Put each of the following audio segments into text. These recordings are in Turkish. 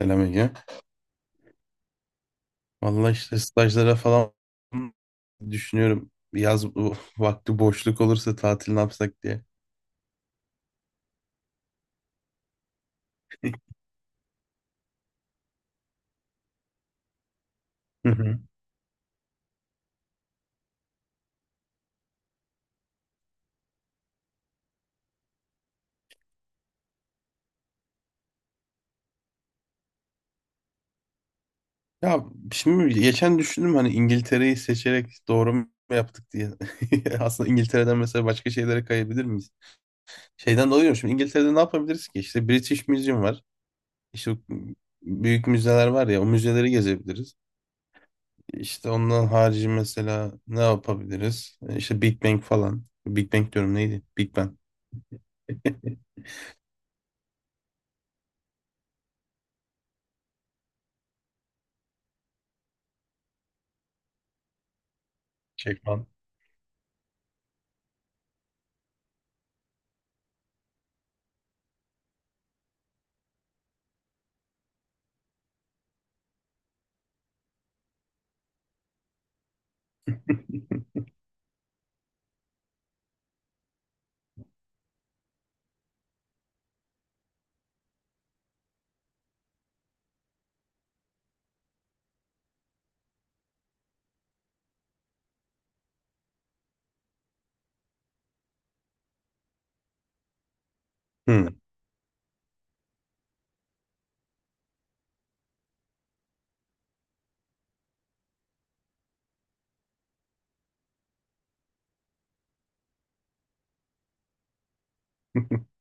Selam Ege. Valla işte stajlara falan düşünüyorum. Yaz bu vakti boşluk olursa tatil ne yapsak diye. Hı hı. Ya şimdi geçen düşündüm hani İngiltere'yi seçerek doğru mu yaptık diye. Aslında İngiltere'den mesela başka şeylere kayabilir miyiz? Şeyden dolayı diyorum, şimdi İngiltere'de ne yapabiliriz ki? İşte British Museum var. İşte o büyük müzeler var ya, o müzeleri gezebiliriz. İşte ondan harici mesela ne yapabiliriz? İşte Big Bang falan. Big Bang diyorum, neydi? Big Bang. Şey. Hı.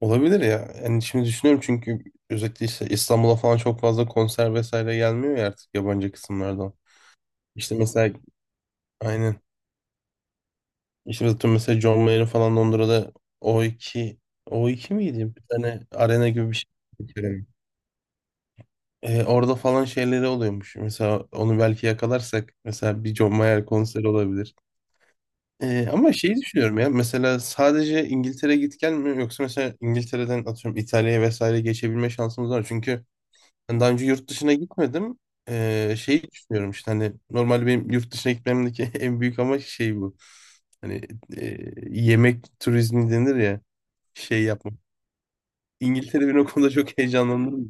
Olabilir ya. Yani şimdi düşünüyorum çünkü özellikle işte İstanbul'a falan çok fazla konser vesaire gelmiyor ya artık yabancı kısımlardan. İşte mesela aynen. İşte mesela John Mayer'in falan Londra'da o iki o iki miydi? Bir tane arena gibi bir şey. Bir kere. Orada falan şeyleri oluyormuş. Mesela onu belki yakalarsak mesela bir John Mayer konseri olabilir. Ama şeyi düşünüyorum ya, mesela sadece İngiltere git gel mi, yoksa mesela İngiltere'den atıyorum İtalya'ya vesaire geçebilme şansımız var. Çünkü ben daha önce yurt dışına gitmedim. Şeyi düşünüyorum işte hani normalde benim yurt dışına gitmemdeki en büyük amaç şey bu. Hani e, yemek turizmi denir ya, şey yapmak. İngiltere beni o konuda çok heyecanlandırıyor.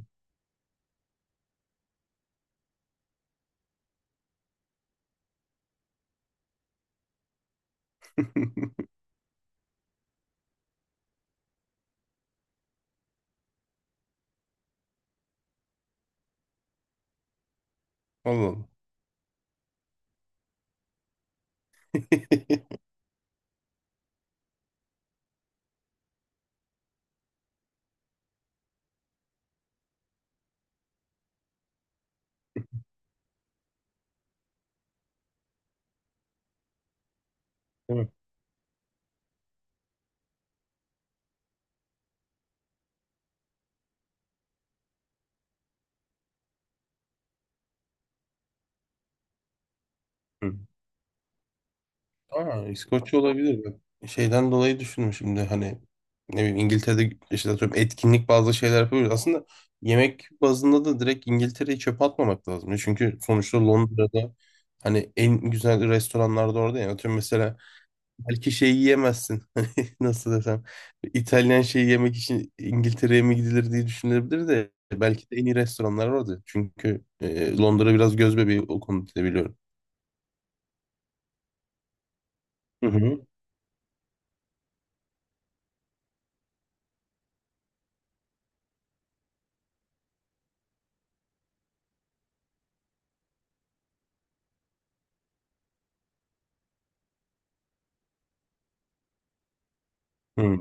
Allah Allah. Değil mi? Hı. Aa, İskoçya olabilir. Bak, şeyden dolayı düşündüm şimdi hani ne bileyim İngiltere'de işte atıyorum etkinlik bazı şeyler yapıyoruz. Aslında yemek bazında da direkt İngiltere'yi çöpe atmamak lazım. Çünkü sonuçta Londra'da hani en güzel restoranlarda orada, yani atıyorum mesela belki şey yiyemezsin. Hani, nasıl desem, İtalyan şeyi yemek için İngiltere'ye mi gidilir diye düşünülebilir de belki de en iyi restoranlar orada. Çünkü Londra biraz göz bebeği o konuda biliyorum. Hı hı. Hı.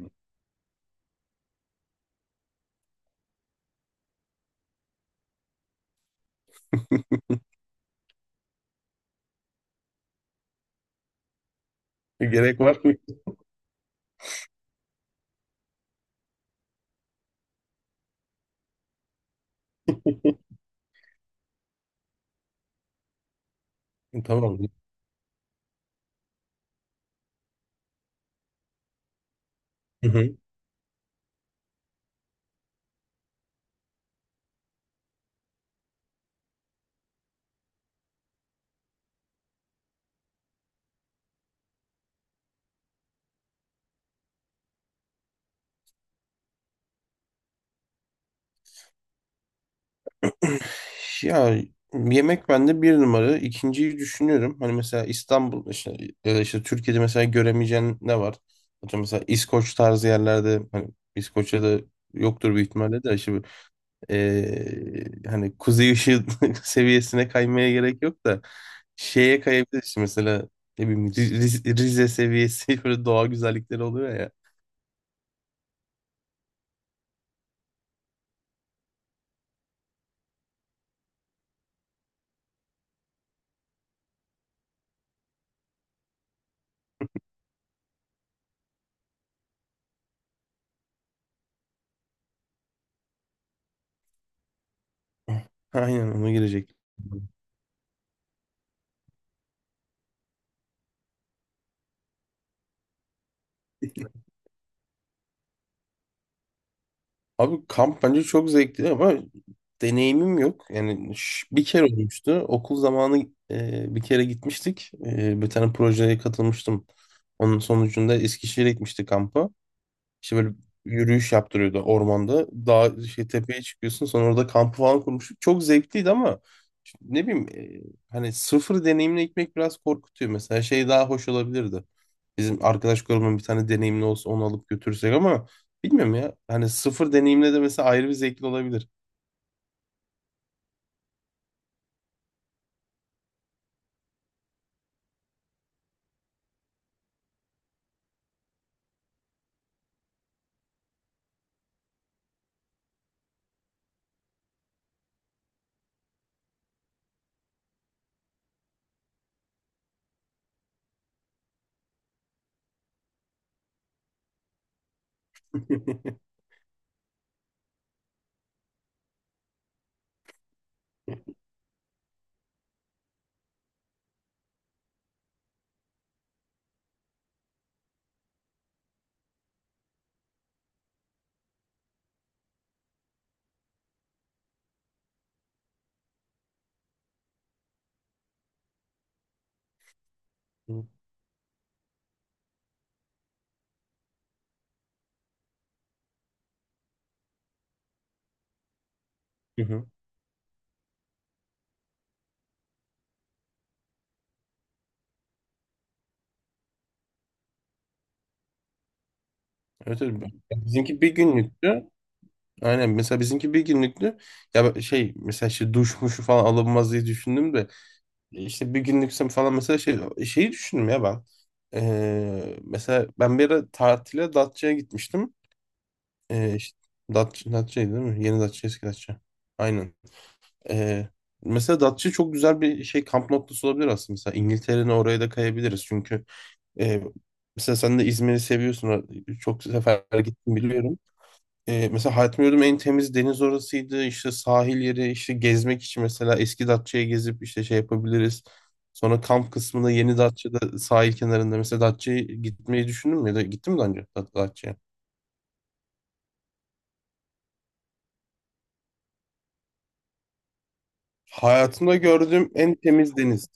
Gerek var mı? Tamam. Hı hı. Ya, yemek bende bir numara. İkinciyi düşünüyorum. Hani mesela İstanbul işte, ya da işte Türkiye'de mesela göremeyeceğin ne var? Atıyorum mesela İskoç tarzı yerlerde hani İskoçya'da yoktur büyük ihtimalle de işte bu, hani kuzey ışığı seviyesine kaymaya gerek yok da şeye kayabiliriz mesela, ne bileyim, Rize seviyesi böyle doğa güzellikleri oluyor ya. Aynen ona girecek. Abi kamp bence çok zevkli ama deneyimim yok. Yani bir kere olmuştu. Okul zamanı bir kere gitmiştik. E, bir tane projeye katılmıştım. Onun sonucunda Eskişehir'e gitmiştik kampa. İşte böyle yürüyüş yaptırıyordu ormanda. Dağ, şey, tepeye çıkıyorsun sonra orada kampı falan kurmuştuk. Çok zevkliydi ama işte ne bileyim, hani sıfır deneyimle gitmek biraz korkutuyor. Mesela şey daha hoş olabilirdi. Bizim arkadaş grubunun bir tane deneyimli olsa onu alıp götürsek ama bilmiyorum ya. Hani sıfır deneyimle de mesela ayrı bir zevkli olabilir. Hı hı. Evet, evet. Bizimki bir günlüktü. Aynen, mesela bizimki bir günlüktü. Şey, mesela işte duş muşu falan alınmaz diye düşündüm de İşte bir günlüksem falan mesela şey, şeyi düşündüm ya ben. Mesela ben bir ara tatile Datça'ya gitmiştim. İşte Datça, Datça'ydı değil mi? Yeni Datça, eski Datça. Aynen. Ee, Mesela Datça çok güzel bir şey, kamp noktası olabilir aslında. Mesela İngiltere'nin oraya da kayabiliriz. Çünkü e, mesela sen de İzmir'i seviyorsun. Çok sefer gittim biliyorum. E, mesela hayatımda gördüğüm en temiz deniz orasıydı. İşte sahil yeri, işte gezmek için mesela eski Datça'ya gezip işte şey yapabiliriz. Sonra kamp kısmında yeni Datça'da sahil kenarında, mesela Datça'ya gitmeyi düşündün mü ya da gittim mi daha önce Datça'ya? Hayatımda gördüğüm en temiz deniz.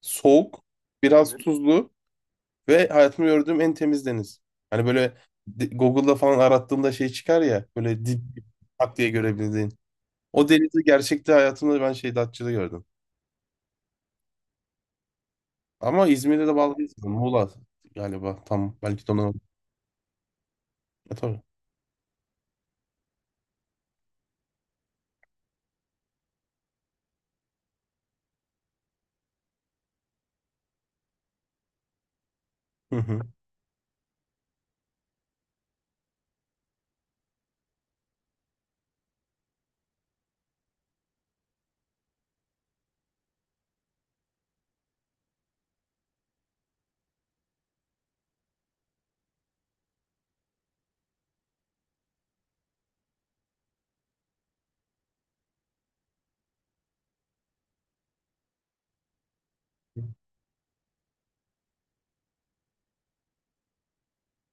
Soğuk, biraz, evet, tuzlu ve hayatımda gördüğüm en temiz deniz. Hani böyle Google'da falan arattığımda şey çıkar ya böyle dip, tak diye görebildiğin. O denizi gerçekte hayatımda ben şey Datça'da gördüm. Ama İzmir'de de bağlı değil sanırım. Muğla galiba tam, belki de ondan olabilir. E, tabii. Hı hı.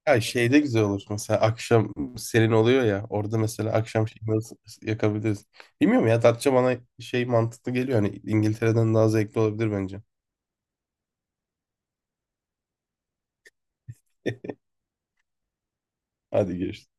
Ya şeyde güzel olur mesela akşam serin oluyor ya orada, mesela akşam şeyini nasıl yakabiliriz. Bilmiyorum ya, Datça bana şey mantıklı geliyor, hani İngiltere'den daha zevkli olabilir bence. Hadi görüşürüz.